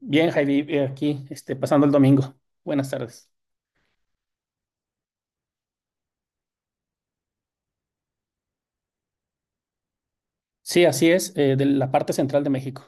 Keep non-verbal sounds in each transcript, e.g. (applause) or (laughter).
Bien, Javi, aquí pasando el domingo. Buenas tardes. Sí, así es, de la parte central de México.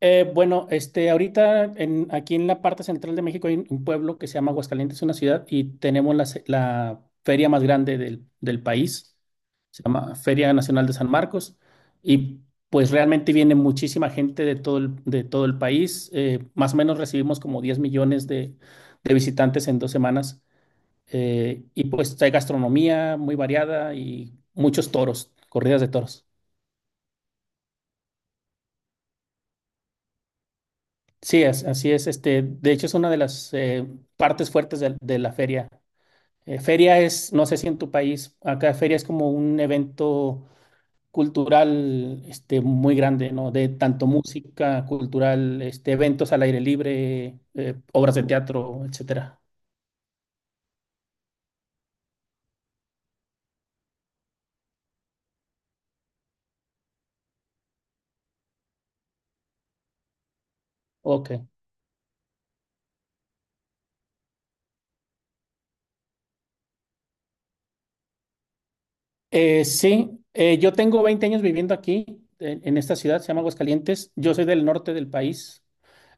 Bueno, ahorita aquí en la parte central de México hay un pueblo que se llama Aguascalientes, una ciudad, y tenemos la feria más grande del país. Se llama Feria Nacional de San Marcos. Y pues realmente viene muchísima gente de todo el país. Más o menos recibimos como 10 millones de visitantes en 2 semanas. Y pues hay gastronomía muy variada y muchos toros, corridas de toros. Sí, así es. De hecho, es una de las partes fuertes de la feria. Feria es, no sé si en tu país, acá feria es como un evento cultural muy grande, ¿no? De tanto música cultural, eventos al aire libre, obras de teatro, etcétera. Ok. Sí, yo tengo 20 años viviendo aquí, en esta ciudad, se llama Aguascalientes. Yo soy del norte del país,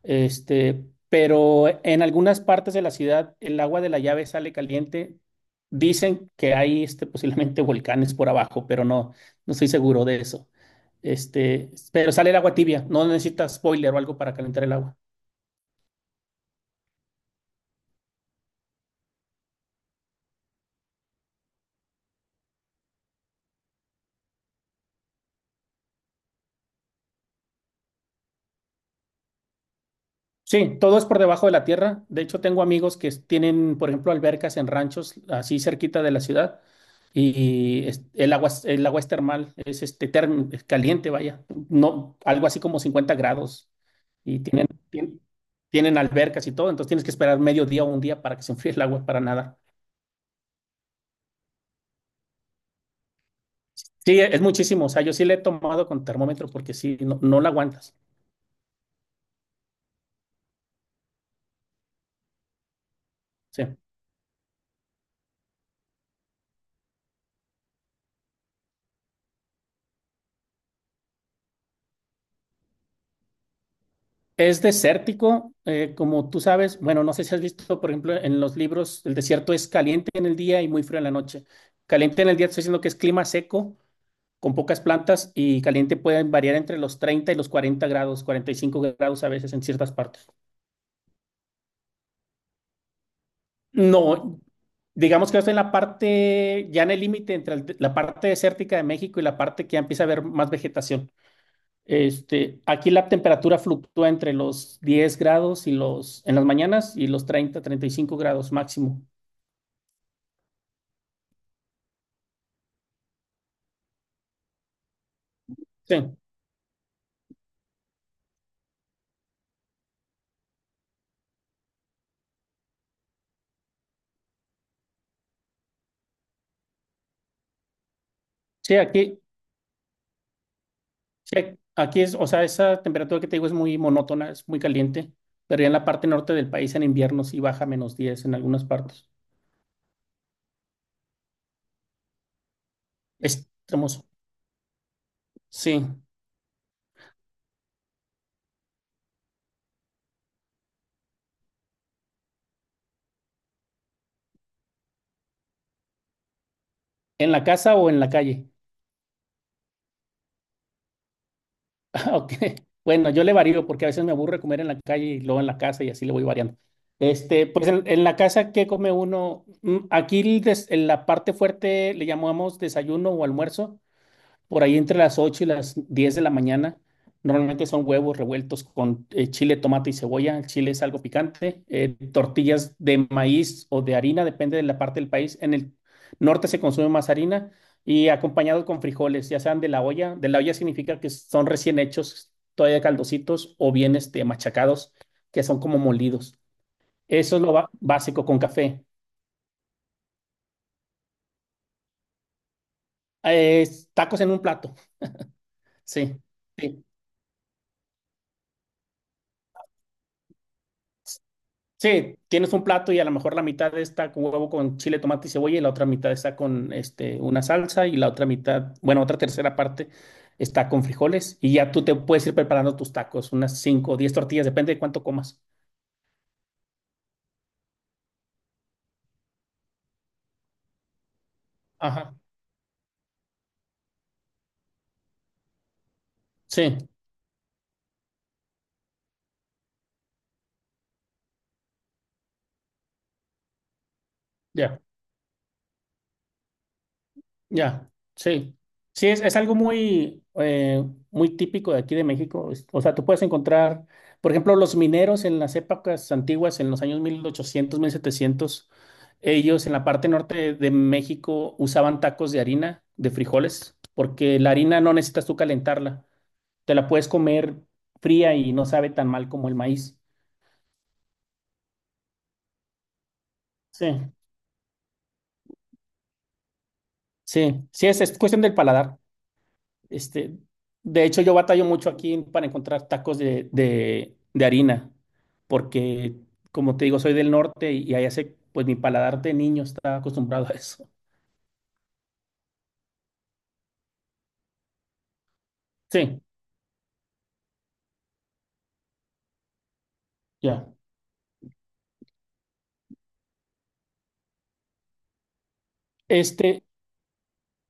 pero en algunas partes de la ciudad el agua de la llave sale caliente. Dicen que hay posiblemente (laughs) volcanes por abajo, pero no estoy seguro de eso. Pero sale el agua tibia, no necesitas boiler o algo para calentar el agua. Sí, todo es por debajo de la tierra. De hecho, tengo amigos que tienen, por ejemplo, albercas en ranchos así cerquita de la ciudad y el agua es termal, es caliente, vaya, no, algo así como 50 grados y tienen albercas y todo, entonces tienes que esperar medio día o un día para que se enfríe el agua para nadar. Sí, es muchísimo, o sea, yo sí le he tomado con termómetro porque sí, no, no la aguantas. Sí. Es desértico, como tú sabes. Bueno, no sé si has visto, por ejemplo, en los libros, el desierto es caliente en el día y muy frío en la noche. Caliente en el día, te estoy diciendo que es clima seco, con pocas plantas, y caliente puede variar entre los 30 y los 40 grados, 45 grados a veces en ciertas partes. No, digamos que estoy en la parte, ya en el límite entre la parte desértica de México y la parte que ya empieza a haber más vegetación. Aquí la temperatura fluctúa entre los 10 grados y en las mañanas y los 30, 35 grados máximo. Sí, sí, aquí, sí, aquí es, o sea, esa temperatura que te digo es muy monótona, es muy caliente, pero ya en la parte norte del país en invierno sí baja a -10 en algunas partes. Es hermoso. Sí, en la casa o en la calle. (laughs) Ok. Bueno, yo le varío porque a veces me aburre comer en la calle y luego en la casa y así le voy variando. Pues en la casa, ¿qué come uno? Aquí en la parte fuerte le llamamos desayuno o almuerzo, por ahí entre las 8 y las 10 de la mañana, normalmente son huevos revueltos con chile, tomate y cebolla. El chile es algo picante. Tortillas de maíz o de harina, depende de la parte del país. En el norte se consume más harina y acompañado con frijoles, ya sean de la olla. De la olla significa que son recién hechos, todavía caldositos o bien machacados, que son como molidos. Eso es lo básico con café. Eh, tacos en un plato, sí. Sí. Sí, tienes un plato y a lo mejor la mitad está con huevo con chile, tomate y cebolla y la otra mitad está con una salsa y la otra mitad, bueno, otra tercera parte está con frijoles y ya tú te puedes ir preparando tus tacos, unas 5 o 10 tortillas, depende de cuánto comas. Ajá, sí, ya. Ya, sí. Sí, es algo muy típico de aquí de México. O sea, tú puedes encontrar, por ejemplo, los mineros en las épocas antiguas, en los años 1800 1700, ellos en la parte norte de México usaban tacos de harina, de frijoles, porque la harina no necesitas tú calentarla. Te la puedes comer fría y no sabe tan mal como el maíz. Sí, sí, sí, es cuestión del paladar. Este, de hecho, yo batallo mucho aquí para encontrar tacos de harina, porque como te digo, soy del norte y ahí hace, pues mi paladar de niño está acostumbrado a eso. Sí, ya. Este,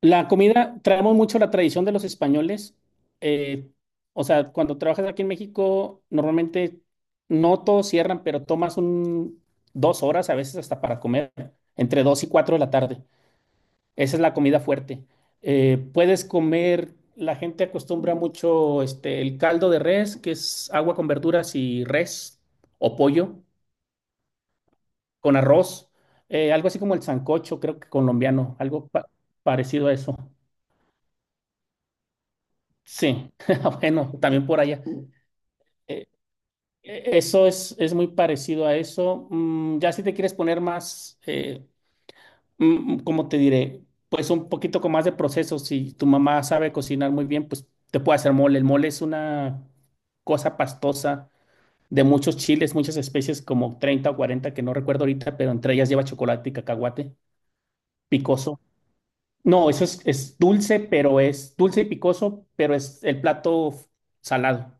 la comida, traemos mucho la tradición de los españoles. eh, o sea, cuando trabajas aquí en México, normalmente no todos cierran, pero tomas 2 horas, a veces hasta para comer, entre 2 y 4 de la tarde. Esa es la comida fuerte. Puedes comer, la gente acostumbra mucho el caldo de res, que es agua con verduras y res o pollo con arroz, algo así como el sancocho, creo que colombiano, algo parecido a eso. Sí, (laughs) bueno, también por allá. Eh, eso es muy parecido a eso. Ya si te quieres poner más, ¿cómo te diré? Pues un poquito con más de proceso. Si tu mamá sabe cocinar muy bien, pues te puede hacer mole. El mole es una cosa pastosa de muchos chiles, muchas especies, como 30 o 40 que no recuerdo ahorita, pero entre ellas lleva chocolate y cacahuate picoso. No, eso es dulce, pero es dulce y picoso, pero es el plato salado.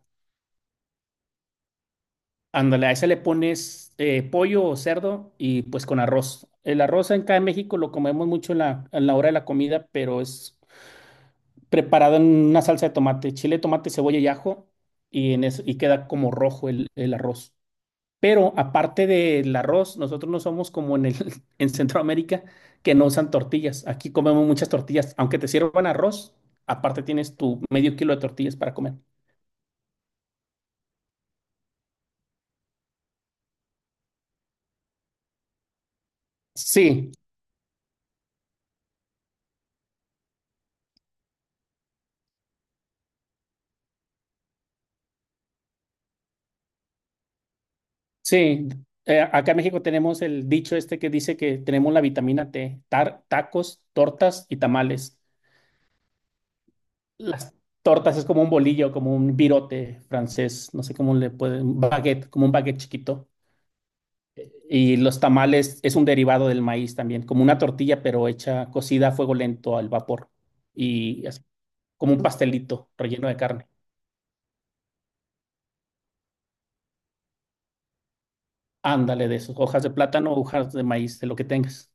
Ándale, a ese le pones pollo o cerdo y pues con arroz. El arroz acá en México lo comemos mucho en la, hora de la comida, pero es preparado en una salsa de tomate, chile, tomate, cebolla y ajo, en eso, y queda como rojo el arroz. Pero aparte del arroz, nosotros no somos como (laughs) en Centroamérica que no usan tortillas. Aquí comemos muchas tortillas. Aunque te sirvan arroz, aparte tienes tu medio kilo de tortillas para comer. Sí, sí. Acá en México tenemos el dicho este que dice que tenemos la vitamina T, tacos, tortas y tamales. Las tortas es como un bolillo, como un virote francés, no sé cómo le pueden, baguette, como un baguette chiquito. Y los tamales es un derivado del maíz también, como una tortilla, pero hecha cocida a fuego lento al vapor. Y así, como un pastelito relleno de carne. Ándale de esos, hojas de plátano, hojas de maíz, de lo que tengas.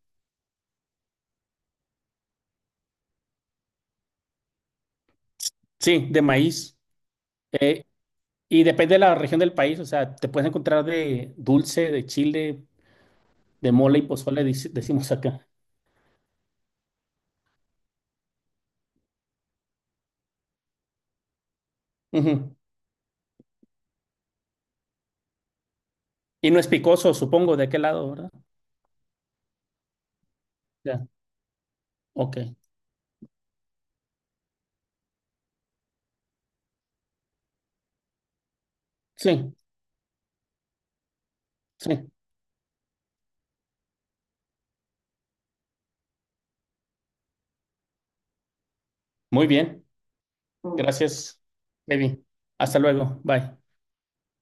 Sí, de maíz. Eh, y depende de la región del país, o sea, te puedes encontrar de dulce, de chile, de mole y pozole, decimos acá. Ujú. Y no es picoso, supongo, de aquel lado, ¿verdad? Ya, ok. Sí, sí. Muy bien. Gracias, Levi. Hasta luego. Bye.